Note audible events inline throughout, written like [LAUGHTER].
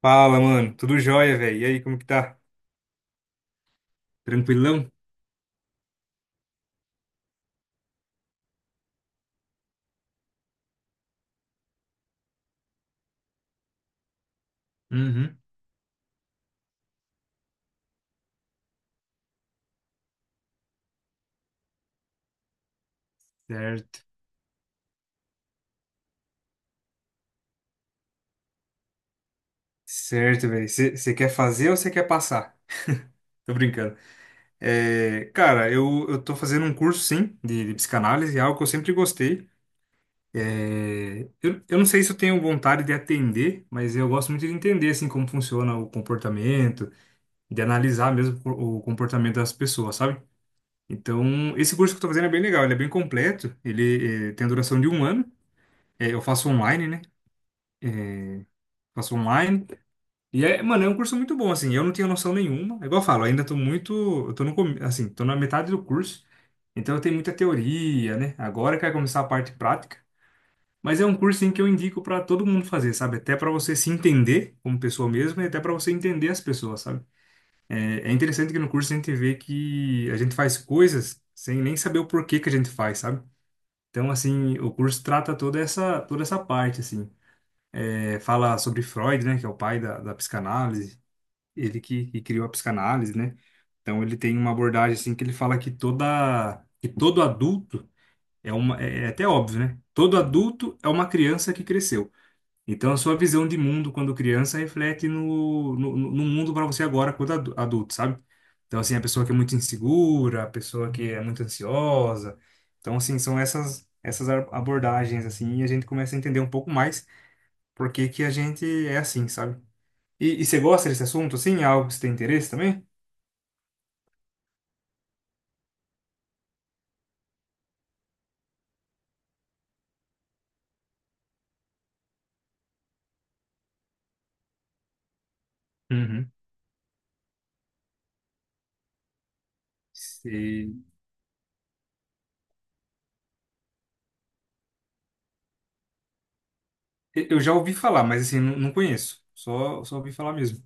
Fala, mano. Tudo jóia, velho. E aí, como que tá? Tranquilão? Uhum. Certo. Certo, velho. Você quer fazer ou você quer passar? Tô brincando. É, cara, eu tô fazendo um curso, sim, de psicanálise, é algo que eu sempre gostei. É, eu não sei se eu tenho vontade de atender, mas eu gosto muito de entender, assim, como funciona o comportamento, de analisar mesmo o comportamento das pessoas, sabe? Então, esse curso que eu tô fazendo é bem legal, ele é bem completo, ele tem a duração de um ano. É, eu faço online, né? É, faço online. E é, mano, é um curso muito bom, assim. Eu não tinha noção nenhuma. É igual eu falo, ainda tô muito. Eu tô no, comi- Assim, tô na metade do curso. Então eu tenho muita teoria, né? Agora que vai começar a parte prática. Mas é um curso em que eu indico para todo mundo fazer, sabe? Até para você se entender como pessoa mesmo e até para você entender as pessoas, sabe? É, é interessante que no curso a gente vê que a gente faz coisas sem nem saber o porquê que a gente faz, sabe? Então, assim, o curso trata toda essa parte, assim. É, fala sobre Freud, né? Que é o pai da psicanálise, ele que criou a psicanálise, né? Então ele tem uma abordagem assim que ele fala que toda que todo adulto é uma é é até óbvio, né? Todo adulto é uma criança que cresceu. Então a sua visão de mundo quando criança reflete no mundo para você agora quando adulto, sabe? Então assim, a pessoa que é muito insegura, a pessoa que é muito ansiosa. Então assim, são essas abordagens assim e a gente começa a entender um pouco mais por que que a gente é assim, sabe? E você gosta desse assunto, assim? É algo que você tem interesse também? Uhum. Você- Eu já ouvi falar, mas assim, não, não conheço. Só, só ouvi falar mesmo.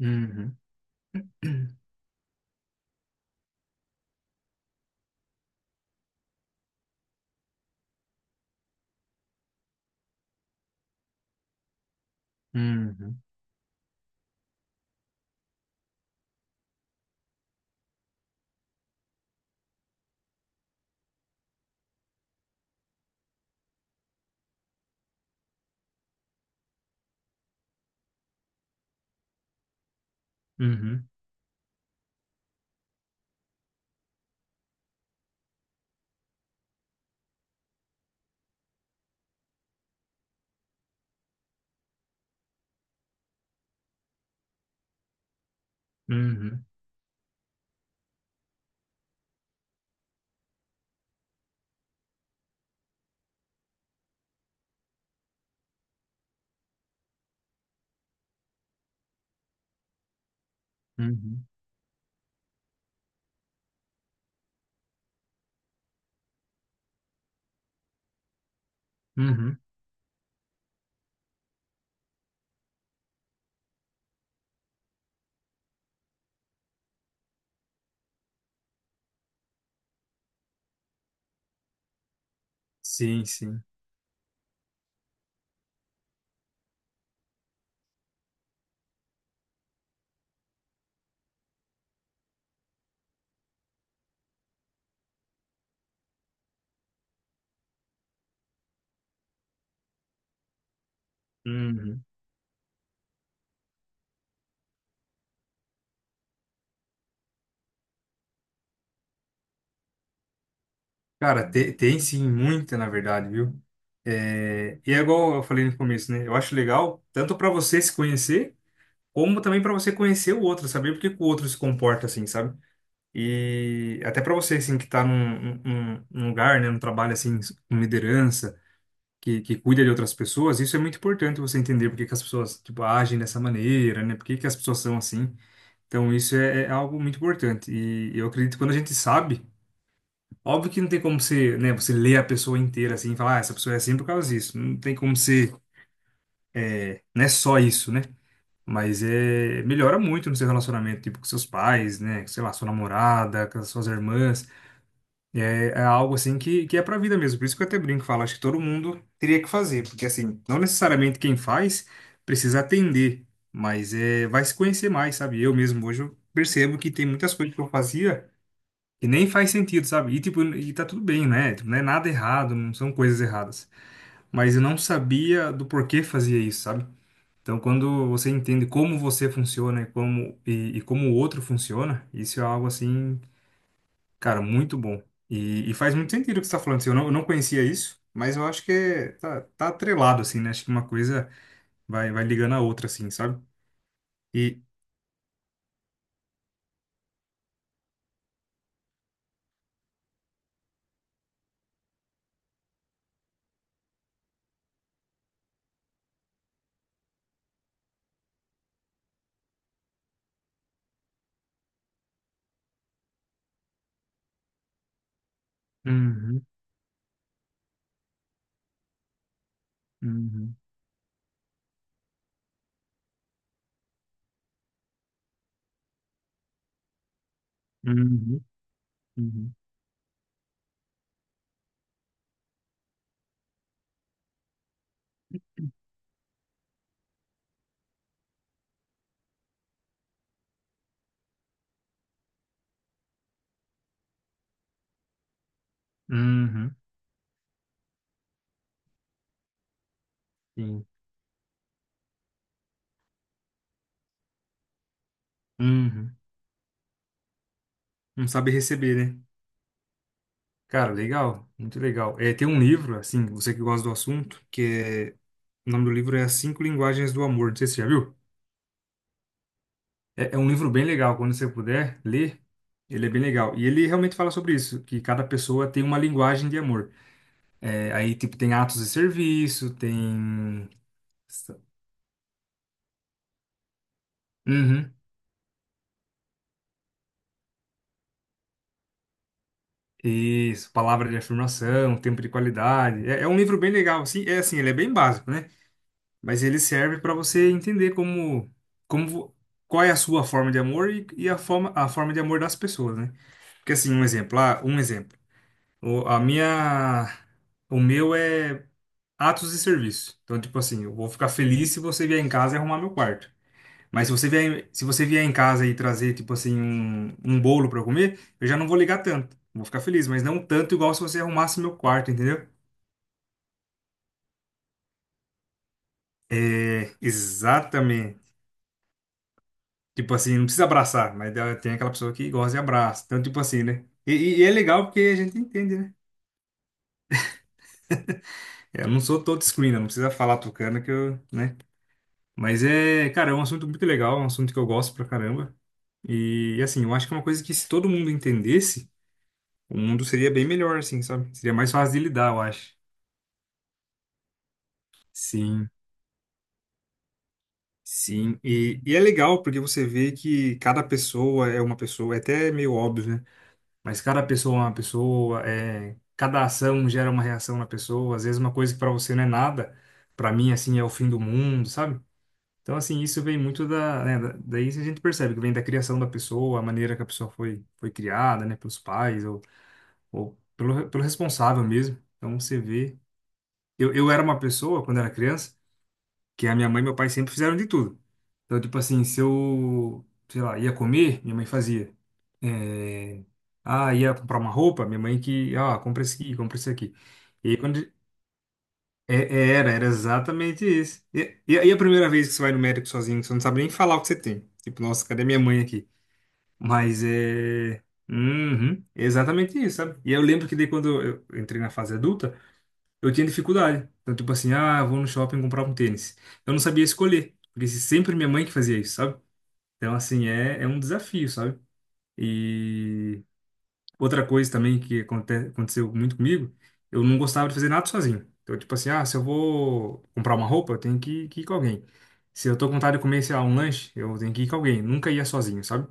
Uhum. [CLEARS THROAT] Uhum. Uhum. Uhum. Uhum. Uhum. Sim, sim. Uhum. Cara, tem sim, muita, na verdade, viu? É, e é igual eu falei no começo, né? Eu acho legal, tanto para você se conhecer, como também para você conhecer o outro, saber por que que o outro se comporta assim, sabe? E até para você, assim, que está num lugar, né, num trabalho, assim, com liderança, que cuida de outras pessoas, isso é muito importante você entender por que que as pessoas, tipo, agem dessa maneira, né, por que que as pessoas são assim. Então, isso é, é algo muito importante. E eu acredito que quando a gente sabe, óbvio que não tem como você, né, você ler a pessoa inteira, assim, e falar, ah, essa pessoa é assim por causa disso. Não tem como você é, não é só isso, né? Mas é, melhora muito no seu relacionamento, tipo, com seus pais, né, sei lá, sua namorada, com as suas irmãs. É, é algo assim que é pra vida mesmo. Por isso que eu até brinco, falo, acho que todo mundo teria que fazer, porque assim, não necessariamente quem faz precisa atender, mas é, vai se conhecer mais, sabe? Eu mesmo hoje eu percebo que tem muitas coisas que eu fazia que nem faz sentido, sabe? E tipo, e tá tudo bem, né? Tipo, não é nada errado, não são coisas erradas, mas eu não sabia do porquê fazia isso, sabe? Então, quando você entende como você funciona e como o outro funciona, isso é algo assim. Cara, muito bom. E faz muito sentido o que você está falando. Assim, eu não conhecia isso, mas eu acho que tá atrelado, assim, né? Acho que uma coisa vai ligando a outra, assim, sabe? E. Uhum. Uhum. Uhum. Uhum. Uhum. Sim. Uhum. Não sabe receber, né? Cara, legal, muito legal. É, tem um livro, assim, você que gosta do assunto, que é. O nome do livro é As Cinco Linguagens do Amor. Não sei se você já viu. É, é um livro bem legal, quando você puder ler, ele é bem legal. E ele realmente fala sobre isso, que cada pessoa tem uma linguagem de amor. É, aí, tipo, tem atos de serviço, tem... Uhum, isso, palavra de afirmação, tempo de qualidade. É, é um livro bem legal, assim, é assim, ele é bem básico, né? Mas ele serve para você entender como qual é a sua forma de amor e a forma de amor das pessoas, né? Porque, assim, um exemplo, ah, um exemplo. O, a minha, o meu é atos de serviço. Então, tipo assim, eu vou ficar feliz se você vier em casa e arrumar meu quarto. Mas se você vier em casa e trazer, tipo assim, um bolo para eu comer, eu já não vou ligar tanto. Vou ficar feliz, mas não tanto igual se você arrumasse meu quarto, entendeu? É, exatamente. Tipo assim, não precisa abraçar, mas tem aquela pessoa que gosta de abraço. Então, tipo assim, né? E é legal porque a gente entende, né? É, eu não sou todo screen, não precisa falar tocando que eu, né? Mas é, cara, é um assunto muito legal, é um assunto que eu gosto pra caramba. E assim, eu acho que é uma coisa que se todo mundo entendesse, o mundo seria bem melhor, assim, sabe? Seria mais fácil de lidar, eu acho. Sim, sim. E é legal porque você vê que cada pessoa é uma pessoa, é até meio óbvio, né? Mas cada pessoa é uma pessoa, é, cada ação gera uma reação na pessoa. Às vezes uma coisa que pra você não é nada, pra mim, assim, é o fim do mundo, sabe? Então, assim, isso vem muito né, daí a gente percebe que vem da criação da pessoa, a maneira que a pessoa foi, criada, né, pelos pais ou pelo responsável mesmo. Então, você vê. eu era uma pessoa, quando era criança, que a minha mãe e meu pai sempre fizeram de tudo. Então, tipo assim, se eu, sei lá, ia comer, minha mãe fazia. É, ah, ia comprar uma roupa, minha mãe que, ah, compra esse aqui, compra esse aqui. E aí, quando é- era exatamente isso. E a primeira vez que você vai no médico sozinho, que você não sabe nem falar o que você tem. Tipo, nossa, cadê minha mãe aqui? Mas é. Uhum, é exatamente isso, sabe? E eu lembro que daí quando eu entrei na fase adulta, eu tinha dificuldade. Então, tipo assim, ah, eu vou no shopping comprar um tênis. Eu não sabia escolher, porque sempre minha mãe que fazia isso, sabe? Então, assim, é, é um desafio, sabe? E. Outra coisa também que aconteceu muito comigo, eu não gostava de fazer nada sozinho. Então, tipo assim, ah, se eu vou comprar uma roupa, eu tenho que ir com alguém. Se eu tô com vontade de comer, sei lá, um lanche, eu tenho que ir com alguém. Nunca ia sozinho, sabe?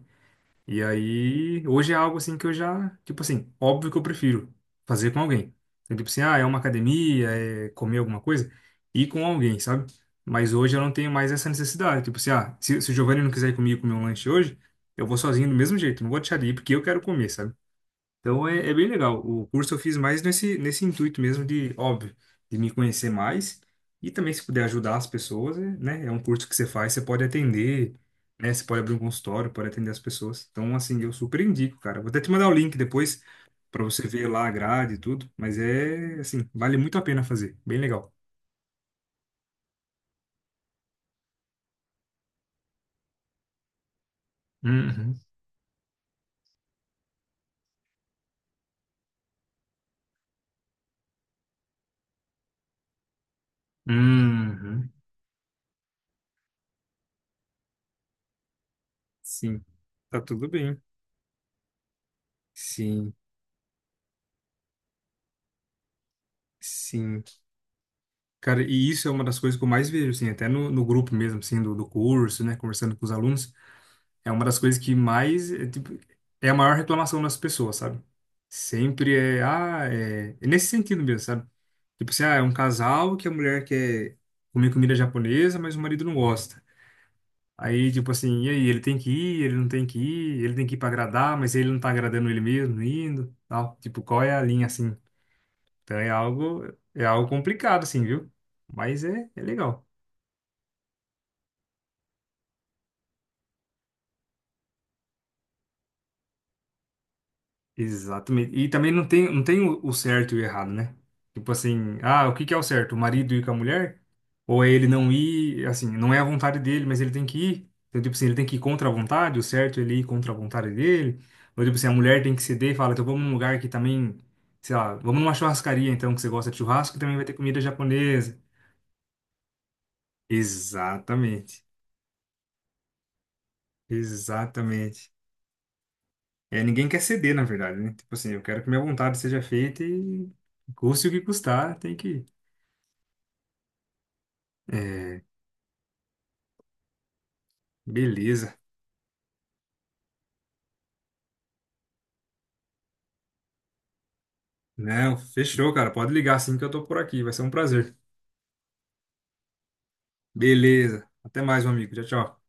E aí, hoje é algo assim que eu já, tipo assim, óbvio que eu prefiro fazer com alguém. Então, tipo assim, ah, é uma academia, é comer alguma coisa, ir com alguém, sabe? Mas hoje eu não tenho mais essa necessidade. Tipo assim, ah, se o Giovanni não quiser ir comigo comer um lanche hoje, eu vou sozinho do mesmo jeito, não vou deixar de ir porque eu quero comer, sabe? Então é, é bem legal. O curso eu fiz mais nesse intuito mesmo de, óbvio, de me conhecer mais e também se puder ajudar as pessoas, é, né? É um curso que você faz, você pode atender, né? Você pode abrir um consultório, pode atender as pessoas. Então, assim, eu super indico, cara. Vou até te mandar o link depois para você ver lá a grade e tudo, mas é, assim, vale muito a pena fazer. Bem legal. Uhum. Uhum. Sim. Tá tudo bem. Sim. Sim. Cara, e isso é uma das coisas que eu mais vejo, assim, até no grupo mesmo, assim, do curso, né, conversando com os alunos, é uma das coisas que mais, é, tipo, é a maior reclamação das pessoas, sabe? Sempre é, ah, é, é nesse sentido mesmo, sabe? Tipo assim, ah, é um casal que a mulher quer comer comida japonesa, mas o marido não gosta. Aí, tipo assim, e aí, ele tem que ir, ele não tem que ir, ele tem que ir pra agradar, mas ele não tá agradando ele mesmo, indo, tal. Tipo, qual é a linha, assim? Então é algo complicado, assim, viu? Mas é, é legal. Exatamente. E também não tem o certo e o errado, né? Tipo assim, ah, o que que é o certo? O marido ir com a mulher? Ou é ele não ir, assim, não é a vontade dele, mas ele tem que ir? Então, tipo assim, ele tem que ir contra a vontade, o certo é ele ir contra a vontade dele? Ou, tipo assim, a mulher tem que ceder e fala, então vamos num lugar que também, sei lá, vamos numa churrascaria, então, que você gosta de churrasco, que também vai ter comida japonesa. Exatamente. Exatamente. É, ninguém quer ceder, na verdade, né? Tipo assim, eu quero que minha vontade seja feita e custe o que custar, tem que É, beleza. Não, fechou, cara. Pode ligar assim que eu tô por aqui. Vai ser um prazer. Beleza. Até mais, meu amigo. Tchau, tchau.